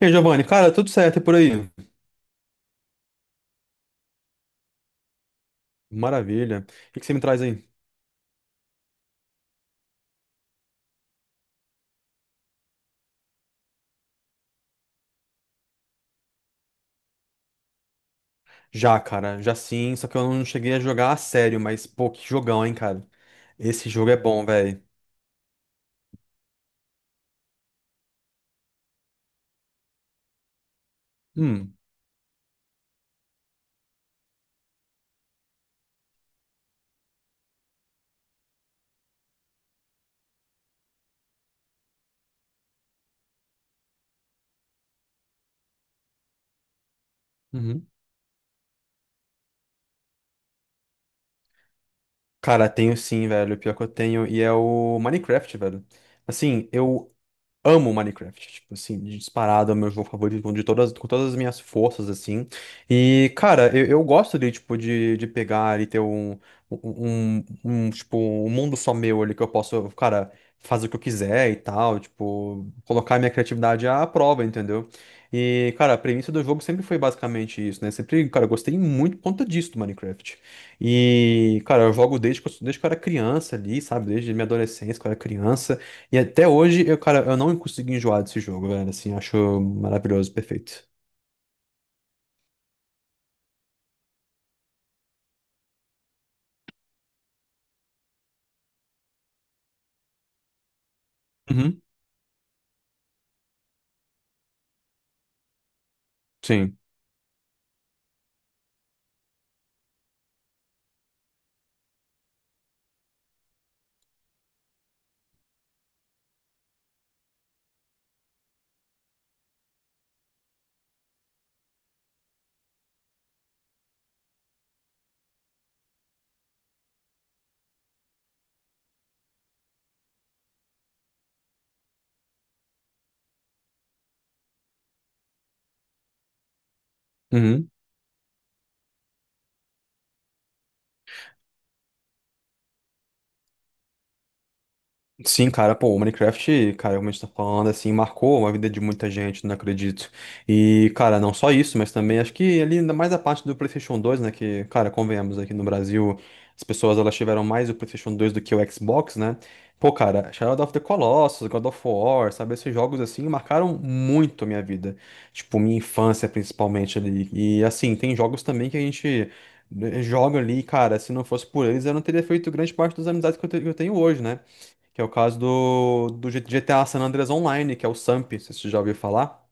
E aí, Giovanni, cara, tudo certo é por aí? Maravilha. O que que você me traz aí? Já, cara, já sim, só que eu não cheguei a jogar a sério, mas pô, que jogão, hein, cara. Esse jogo é bom, velho. Hum, uhum. Cara, tenho sim, velho, pior que eu tenho, e é o Minecraft, velho. Assim, eu amo Minecraft, tipo assim, disparado, é meu jogo favorito de todas, com todas as minhas forças, assim. E, cara, eu gosto de, tipo, de pegar e ter um, tipo, um mundo só meu ali que eu posso, cara, fazer o que eu quiser e tal, tipo, colocar minha criatividade à prova, entendeu? E, cara, a premissa do jogo sempre foi basicamente isso, né? Sempre, cara, eu gostei muito por conta disso do Minecraft. E, cara, eu jogo desde que eu era criança ali, sabe? Desde minha adolescência, que eu era criança. E até hoje, eu, cara, eu não consegui enjoar desse jogo, velho. Assim, acho maravilhoso, perfeito. Uhum. Sim. Uhum. Sim, cara, pô, o Minecraft, cara, como a gente tá falando, assim, marcou a vida de muita gente, não acredito. E, cara, não só isso, mas também acho que ali ainda mais a parte do PlayStation 2, né, que, cara, convenhamos, aqui no Brasil, as pessoas, elas tiveram mais o PlayStation 2 do que o Xbox, né? Pô, cara, Shadow of the Colossus, God of War, sabe, esses jogos, assim, marcaram muito a minha vida. Tipo, minha infância, principalmente, ali. E, assim, tem jogos também que a gente... joga ali, cara. Se não fosse por eles, eu não teria feito grande parte das amizades que eu te- que eu tenho hoje, né? Que é o caso do GTA San Andreas Online, que é o SAMP, se você já ouviu falar.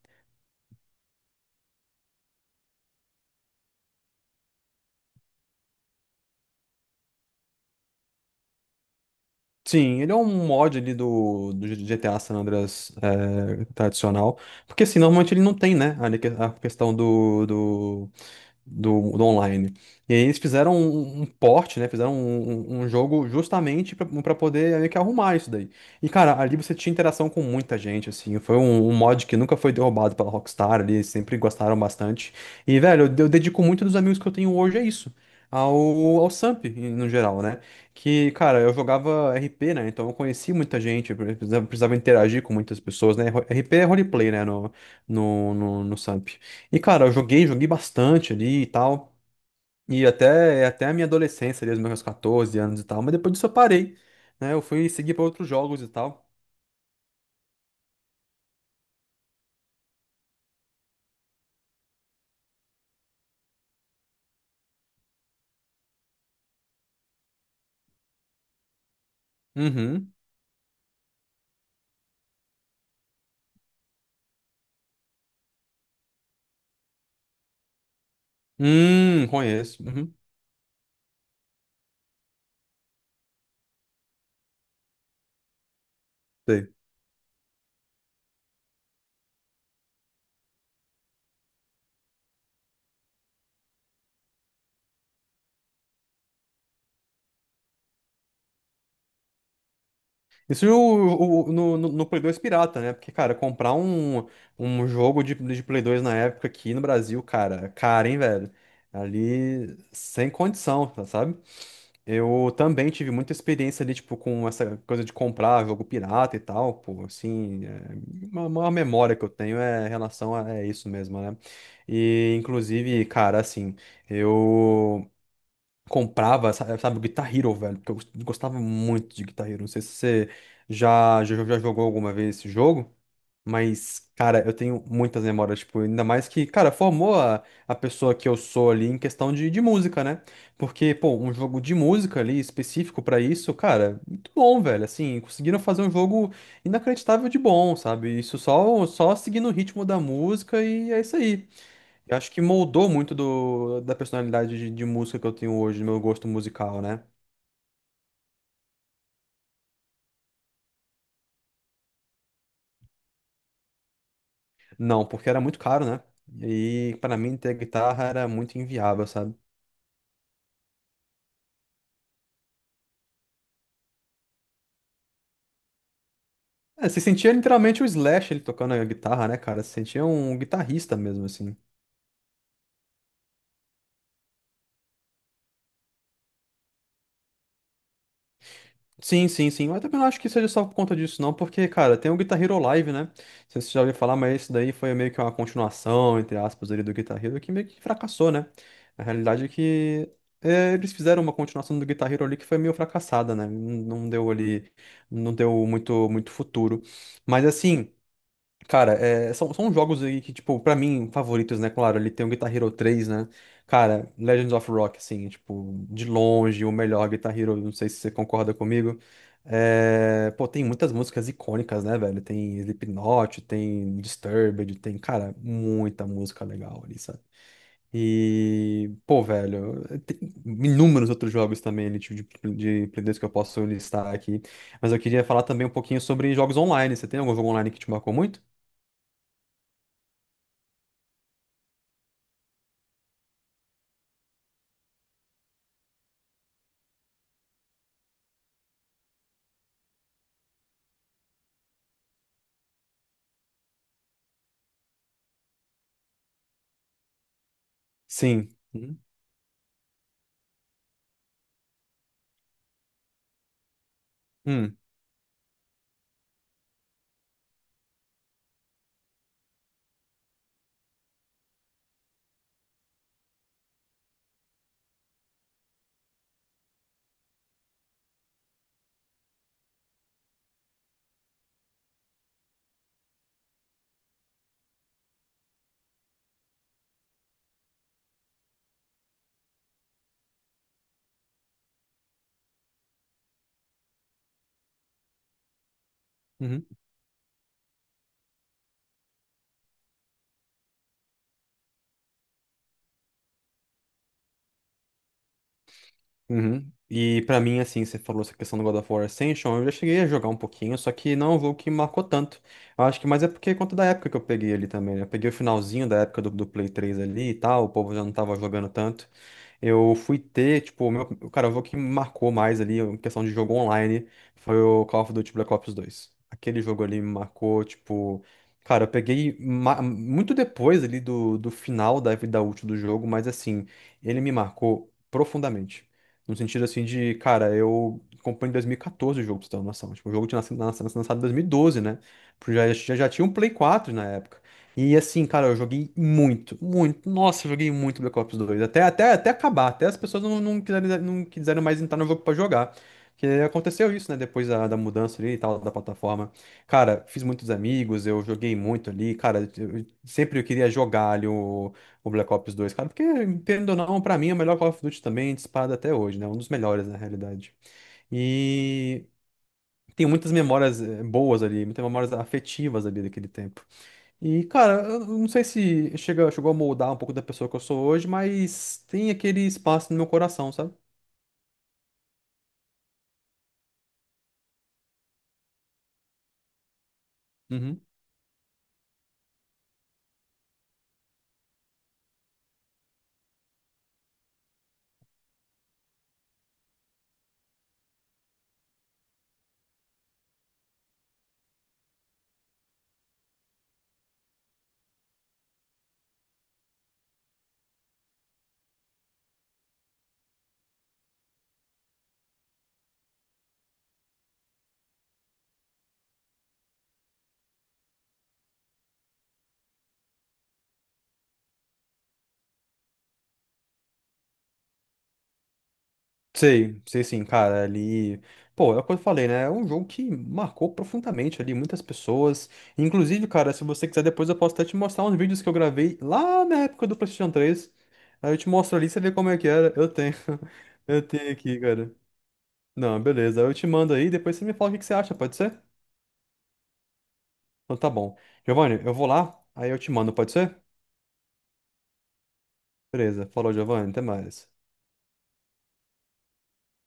Sim, ele é um mod ali do, do GTA San Andreas é, tradicional. Porque assim, normalmente ele não tem, né? Ali que- a questão do online. E aí eles fizeram um, um port, né? Fizeram um jogo justamente para poder meio que arrumar isso daí. E, cara, ali você tinha interação com muita gente, assim. Foi um, um mod que nunca foi derrubado pela Rockstar ali, eles sempre gostaram bastante. E, velho, eu dedico muito dos amigos que eu tenho hoje a isso. Ao, ao Samp, em- no geral, né? Que, cara, eu jogava RP, né? Então eu conheci muita gente, eu precisava, precisava interagir com muitas pessoas, né? Ro- RP é roleplay, né? No, no Samp. E, cara, eu joguei, joguei bastante ali e tal. E até, é até a minha adolescência, ali, os meus 14 anos e tal. Mas depois disso eu parei, né? Eu fui seguir para outros jogos e tal. Uhum. Conheço. Uhum. Sei. Isso o- no Play 2 pirata, né? Porque, cara, comprar um, um jogo de Play 2 na época aqui no Brasil, cara, cara, hein, velho? Ali, sem condição, tá, sabe? Eu também tive muita experiência ali, tipo, com essa coisa de comprar jogo pirata e tal, pô, assim, é, uma memória que eu tenho é em relação a é isso mesmo, né? E, inclusive, cara, assim, eu comprava, sa- sabe, o Guitar Hero, velho, porque eu gos- gostava muito de Guitar Hero, não sei se você já jogou alguma vez esse jogo. Mas, cara, eu tenho muitas memórias, tipo, ainda mais que, cara, formou a pessoa que eu sou ali em questão de música, né? Porque, pô, um jogo de música ali específico pra isso, cara, muito bom, velho. Assim, conseguiram fazer um jogo inacreditável de bom, sabe? Isso só, só seguindo o ritmo da música e é isso aí. Eu acho que moldou muito do, da personalidade de música que eu tenho hoje, do meu gosto musical, né? Não, porque era muito caro, né? E pra mim ter guitarra era muito inviável, sabe? É, você sentia literalmente o Slash ele tocando a guitarra, né, cara? Você sentia um guitarrista mesmo, assim. Sim, sim, sim. Mas também não acho que seja só por conta disso, não, porque, cara, tem o Guitar Hero Live, né? Não sei se você já ouviu falar, mas isso daí foi meio que uma continuação, entre aspas, ali do Guitar Hero, que meio que fracassou, né? A realidade é que é, eles fizeram uma continuação do Guitar Hero ali que foi meio fracassada, né? Não deu ali, não deu muito, muito futuro. Mas assim. Cara, é, são, são jogos aí que, tipo, pra mim, favoritos, né? Claro, ele tem o Guitar Hero 3, né? Cara, Legends of Rock, assim, tipo, de longe, o melhor Guitar Hero, não sei se você concorda comigo. É, pô, tem muitas músicas icônicas, né, velho? Tem Slipknot, tem Disturbed, tem, cara, muita música legal ali, sabe? E, pô, velho, tem inúmeros outros jogos também, ali, tipo, de Play 2 que eu posso listar aqui. Mas eu queria falar também um pouquinho sobre jogos online. Você tem algum jogo online que te marcou muito? Sim. Uhum. Hum, uhum, uhum. E pra mim, assim, você falou essa questão do God of War Ascension, eu já cheguei a jogar um pouquinho, só que não é um jogo que marcou tanto. Eu acho que mais é porque conta da época que eu peguei ali também, né? Eu peguei o finalzinho da época do, do Play 3 ali e tal, o povo já não tava jogando tanto. Eu fui ter, tipo, o meu, cara, o jogo que me marcou mais ali, em questão de jogo online, foi o Call of Duty Black Ops 2. Aquele jogo ali me marcou, tipo, cara, eu peguei ma- muito depois ali do, do final da vida útil do jogo, mas assim, ele me marcou profundamente. No sentido assim de, cara, eu comprei em 2014 o jogo, pra você ter uma noção. Tipo, o jogo tinha nascido, nascido- lançado em 2012, né? Tipo, já tinha um Play 4 na época. E assim, cara, eu joguei muito, muito. Nossa, eu joguei muito Black Ops 2 até, até, até acabar, até as pessoas não, não quiseram mais entrar no jogo pra jogar. Porque aconteceu isso, né? Depois da, da mudança ali e tal, da plataforma. Cara, fiz muitos amigos, eu joguei muito ali. Cara, eu- sempre eu queria jogar ali o Black Ops 2, cara. Porque, querendo ou não, pra mim é o melhor Call of Duty também, disparado até hoje, né? Um dos melhores, na realidade. E. Tem muitas memórias boas ali, muitas memórias afetivas ali daquele tempo. E, cara, eu não sei se chega, chegou a moldar um pouco da pessoa que eu sou hoje, mas tem aquele espaço no meu coração, sabe? Uhum. Sei, sei sim, cara, ali. Pô, é o que eu falei, né? É um jogo que marcou profundamente ali muitas pessoas. Inclusive, cara, se você quiser, depois eu posso até te mostrar uns vídeos que eu gravei lá na época do PlayStation 3. Aí eu te mostro ali, você vê como é que era. Eu tenho. Eu tenho aqui, cara. Não, beleza. Eu te mando aí, depois você me fala o que que você acha, pode ser? Então tá bom. Giovanni, eu vou lá, aí eu te mando, pode ser? Beleza. Falou, Giovanni. Até mais.